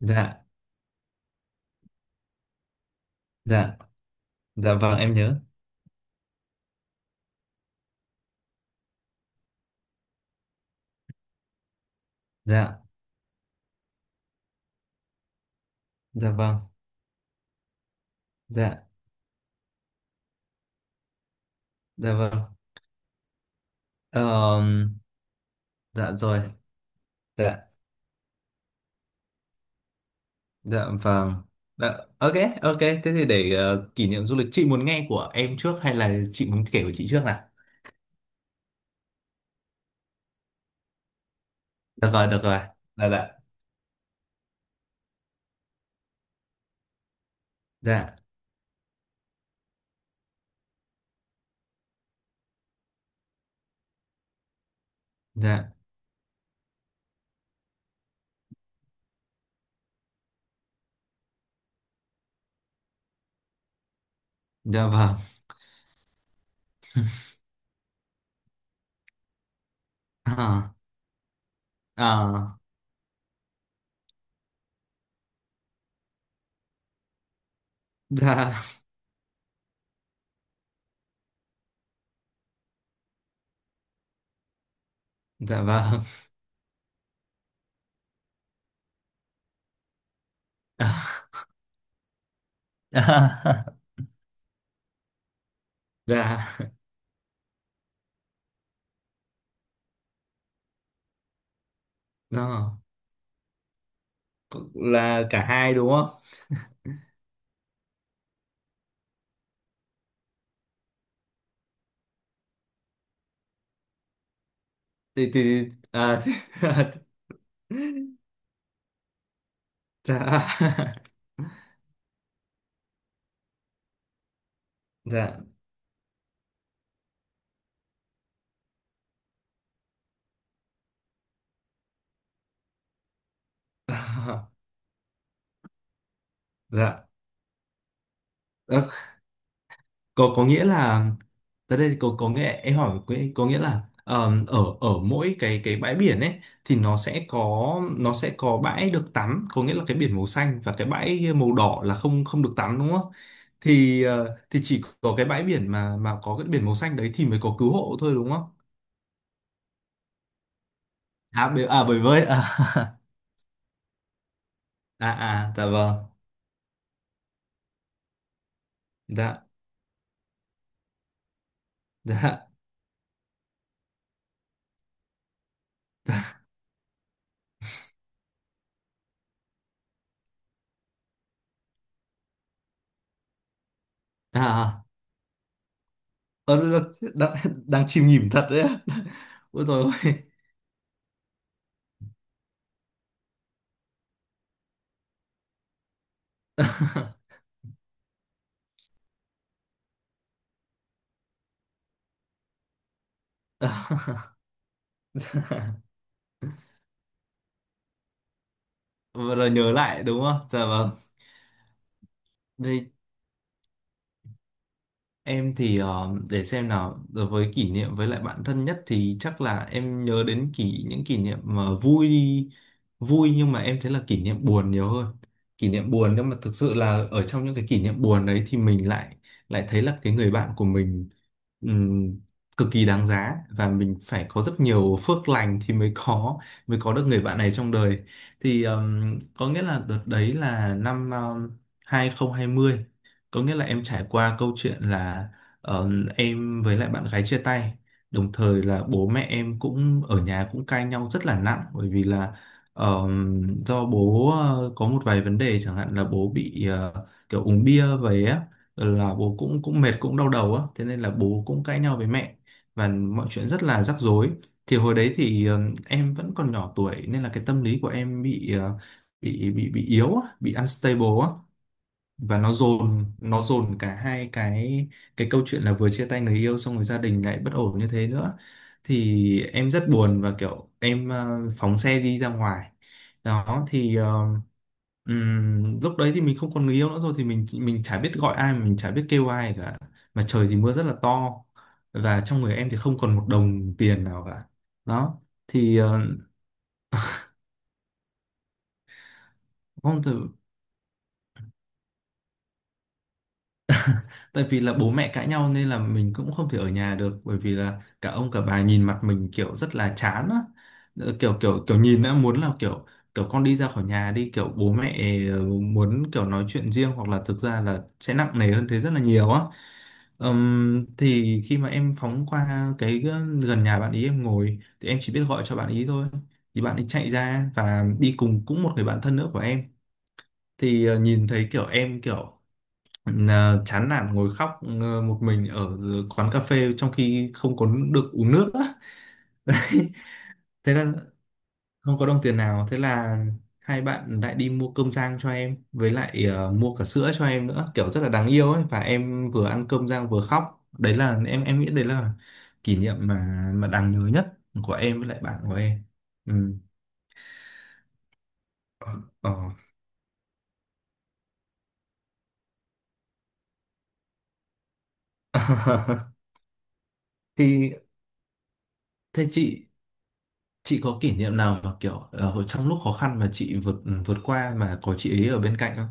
Dạ, dạ, dạ, vâng, em nhớ. Dạ, dạ, vâng. Dạ, dạ, vâng. Ờm, dạ, rồi. Dạ, dạ, vâng, dạ, ok. Ok, thế thì để kỷ niệm du lịch chị muốn nghe của em trước hay là chị muốn kể của chị trước nào? Được rồi, được rồi. Dạ, dạ, dạ, dạ, dạ, vâng, à, à, dạ, dạ, vâng, à. Dạ. Nó là cả hai đúng không? Thì, à. Dạ. Dạ. Dạ. Ờ, có nghĩa là tới đây có nghĩa em có nghĩa là ở ở mỗi cái bãi biển ấy thì nó sẽ có bãi được tắm, có nghĩa là cái biển màu xanh và cái bãi màu đỏ là không không được tắm đúng không? Thì chỉ có cái bãi biển mà có cái biển màu xanh đấy thì mới có cứu hộ thôi đúng không? À, bởi với à. À, à, dạ vâng, dạ, dạ, à. Ờ, đang, đang, đang chìm nghỉm thật đấy á. Ôi dồi ôi. Vừa rồi nhớ lại đúng không? Dạ vâng. Đây. Em thì để xem nào, đối với kỷ niệm với lại bạn thân nhất thì chắc là em nhớ đến những kỷ niệm mà vui, vui nhưng mà em thấy là kỷ niệm buồn nhiều hơn. Kỷ niệm buồn nhưng mà thực sự là ở trong những cái kỷ niệm buồn đấy thì mình lại lại thấy là cái người bạn của mình ừm, cực kỳ đáng giá và mình phải có rất nhiều phước lành thì mới có được người bạn này trong đời. Thì có nghĩa là đợt đấy là năm 2020, có nghĩa là em trải qua câu chuyện là ờ, em với lại bạn gái chia tay, đồng thời là bố mẹ em cũng ở nhà cũng cãi nhau rất là nặng, bởi vì là ờ, do bố có một vài vấn đề, chẳng hạn là bố bị kiểu uống bia về á, rồi là bố cũng cũng mệt, cũng đau đầu á, thế nên là bố cũng cãi nhau với mẹ và mọi chuyện rất là rắc rối. Thì hồi đấy thì em vẫn còn nhỏ tuổi nên là cái tâm lý của em bị bị yếu á, bị unstable á, và nó dồn cả hai cái câu chuyện là vừa chia tay người yêu xong rồi gia đình lại bất ổn như thế nữa, thì em rất buồn và kiểu em phóng xe đi ra ngoài. Đó thì lúc đấy thì mình không còn người yêu nữa rồi thì mình chả biết gọi ai, mình chả biết kêu ai cả, mà trời thì mưa rất là to và trong người em thì không còn một đồng tiền nào cả. Đó thì uh, tại vì là bố mẹ cãi nhau nên là mình cũng không thể ở nhà được, bởi vì là cả ông cả bà nhìn mặt mình kiểu rất là chán á. Kiểu kiểu kiểu nhìn đã muốn là kiểu kiểu con đi ra khỏi nhà đi, kiểu bố mẹ muốn kiểu nói chuyện riêng hoặc là thực ra là sẽ nặng nề hơn thế rất là nhiều á. Thì khi mà em phóng qua cái gần nhà bạn ý, em ngồi thì em chỉ biết gọi cho bạn ý thôi, thì bạn ấy chạy ra và đi cùng cũng một người bạn thân nữa của em, thì nhìn thấy kiểu em kiểu Ờ, chán nản ngồi khóc một mình ở quán cà phê trong khi không có được uống nước á. Thế là không có đồng tiền nào, thế là hai bạn lại đi mua cơm rang cho em với lại mua cả sữa cho em nữa kiểu rất là đáng yêu ấy, và em vừa ăn cơm rang vừa khóc, đấy là em nghĩ đấy là kỷ niệm mà đáng nhớ nhất của em với lại bạn của em. Ừ. Ờ. thì thế chị có kỷ niệm nào mà kiểu trong lúc khó khăn mà chị vượt vượt qua mà có chị ấy ở bên cạnh không?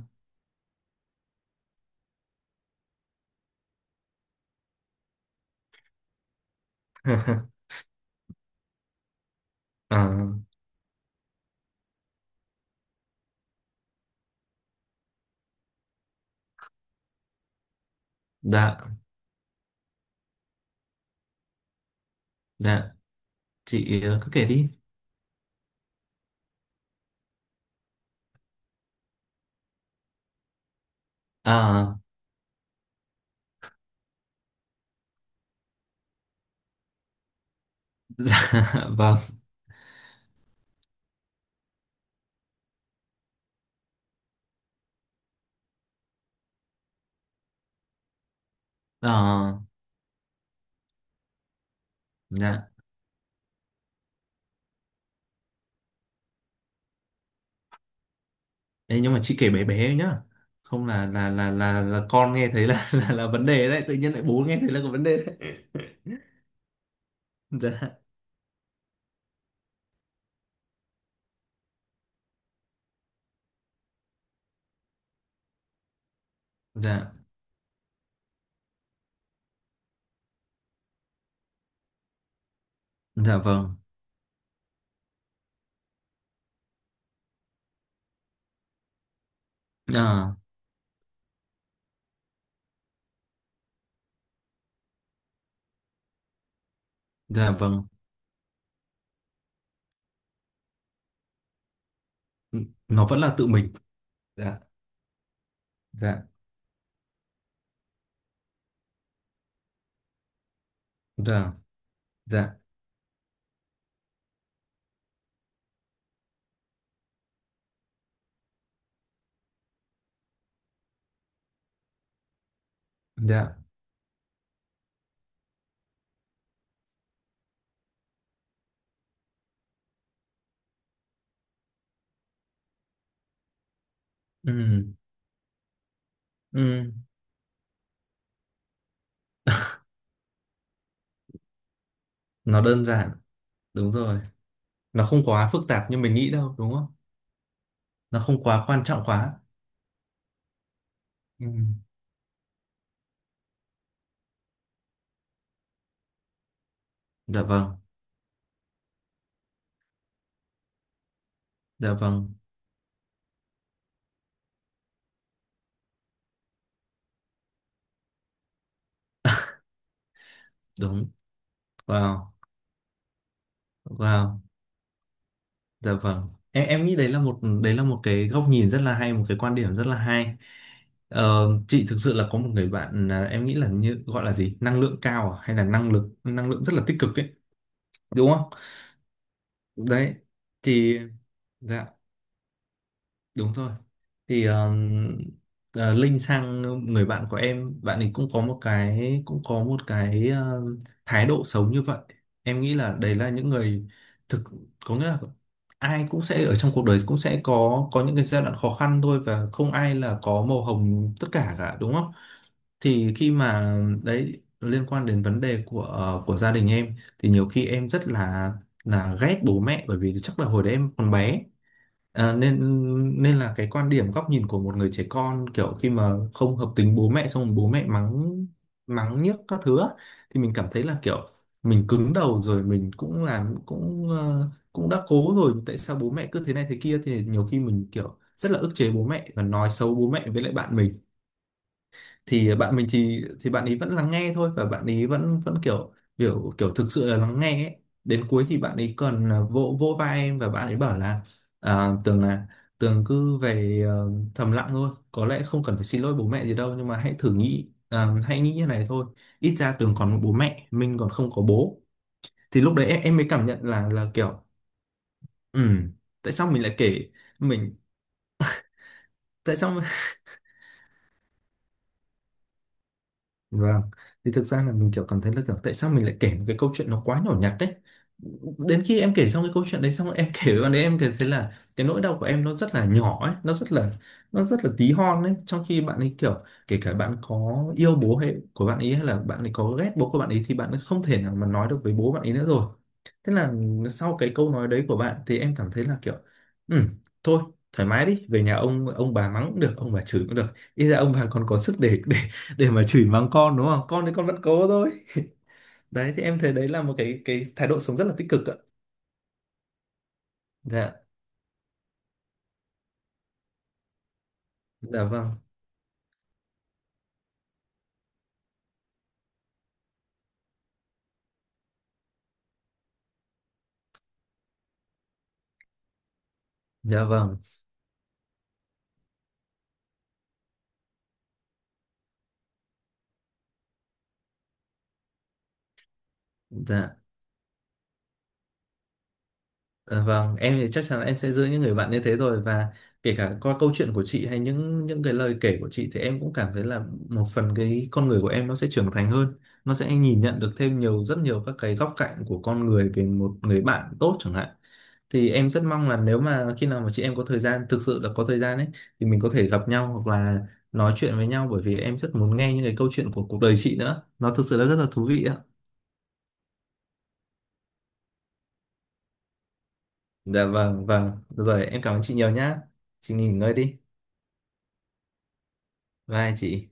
Ờ, dạ, dạ, chị cứ kể đi. Ờ. Dạ, vâng. Ờ, dạ. Ê, nhưng mà chị kể bé bé nhá, không là con nghe thấy là, là vấn đề đấy, tự nhiên lại bố nghe thấy là có vấn đề đấy. Dạ, dạ, dạ vâng, Ờ, dạ vâng, nó vẫn là tự mình. Dạ, dạ, dạ, dạ, dạ, ừ, ừ. Nó đơn giản, đúng rồi, nó không quá phức tạp như mình nghĩ đâu đúng không? Nó không quá quan trọng quá. Ừ. Dạ vâng. Dạ vâng. Đúng. Wow. Wow. Dạ vâng, em nghĩ đấy là một cái góc nhìn rất là hay, một cái quan điểm rất là hay. Ờ, chị thực sự là có một người bạn, à, em nghĩ là như gọi là gì, năng lượng cao à? Hay là năng lượng rất là tích cực ấy, đúng không? Đấy thì. Dạ. Đúng rồi. Thì Linh sang người bạn của em, bạn ấy cũng có một cái thái độ sống như vậy, em nghĩ là đấy là những người thực, có nghĩa là ai cũng sẽ ở trong cuộc đời, cũng sẽ có những cái giai đoạn khó khăn thôi và không ai là có màu hồng tất cả cả đúng không? Thì khi mà đấy liên quan đến vấn đề của của gia đình em thì nhiều khi em rất là ghét bố mẹ, bởi vì chắc là hồi đấy em còn bé. À, nên nên là cái quan điểm góc nhìn của một người trẻ con, kiểu khi mà không hợp tính bố mẹ xong rồi bố mẹ mắng mắng nhiếc các thứ á, thì mình cảm thấy là kiểu mình cứng đầu rồi, mình cũng làm, cũng cũng đã cố rồi, tại sao bố mẹ cứ thế này thế kia, thì nhiều khi mình kiểu rất là ức chế bố mẹ và nói xấu bố mẹ với lại bạn mình. Thì bạn mình thì bạn ấy vẫn lắng nghe thôi và bạn ấy vẫn vẫn kiểu kiểu kiểu thực sự là lắng nghe ấy. Đến cuối thì bạn ấy còn, à, vỗ vỗ vai em và bạn ấy bảo là, à, Tường cứ về thầm lặng thôi, có lẽ không cần phải xin lỗi bố mẹ gì đâu, nhưng mà hãy thử nghĩ, à, hãy nghĩ như này thôi, ít ra Tường còn một bố mẹ, mình còn không có bố. Thì lúc đấy em mới cảm nhận là kiểu ừ, tại sao mình lại kể mình, tại sao. Vâng, thì thực ra là mình kiểu cảm thấy là kiểu tại sao mình lại kể một cái câu chuyện nó quá nhỏ nhặt đấy. Đến khi em kể xong cái câu chuyện đấy xong em kể với bạn, đấy em cảm thấy là cái nỗi đau của em nó rất là nhỏ ấy, nó rất là tí hon ấy, trong khi bạn ấy kiểu, kể cả bạn có yêu bố hay của bạn ấy hay là bạn ấy có ghét bố của bạn ấy thì bạn ấy không thể nào mà nói được với bố bạn ấy nữa rồi. Thế là sau cái câu nói đấy của bạn thì em cảm thấy là kiểu ừ, thôi thoải mái đi, về nhà ông bà mắng cũng được, ông bà chửi cũng được. Ít ra ông bà còn có sức để mà chửi mắng con đúng không, con thì con vẫn cố thôi. Đấy thì em thấy đấy là một cái thái độ sống rất là tích cực ạ. Dạ. Dạ vâng. Dạ vâng. Dạ. Dạ vâng, em thì chắc chắn là em sẽ giữ những người bạn như thế rồi, và kể cả qua câu chuyện của chị hay những cái lời kể của chị thì em cũng cảm thấy là một phần cái con người của em nó sẽ trưởng thành hơn, nó sẽ nhìn nhận được thêm nhiều, rất nhiều các cái góc cạnh của con người về một người bạn tốt chẳng hạn. Thì em rất mong là nếu mà khi nào mà chị em có thời gian, thực sự là có thời gian ấy, thì mình có thể gặp nhau hoặc là nói chuyện với nhau, bởi vì em rất muốn nghe những cái câu chuyện của cuộc đời chị nữa. Nó thực sự là rất là thú vị ạ. Dạ vâng, vâng. Rồi em cảm ơn chị nhiều nhá. Chị nghỉ ngơi đi. Vai chị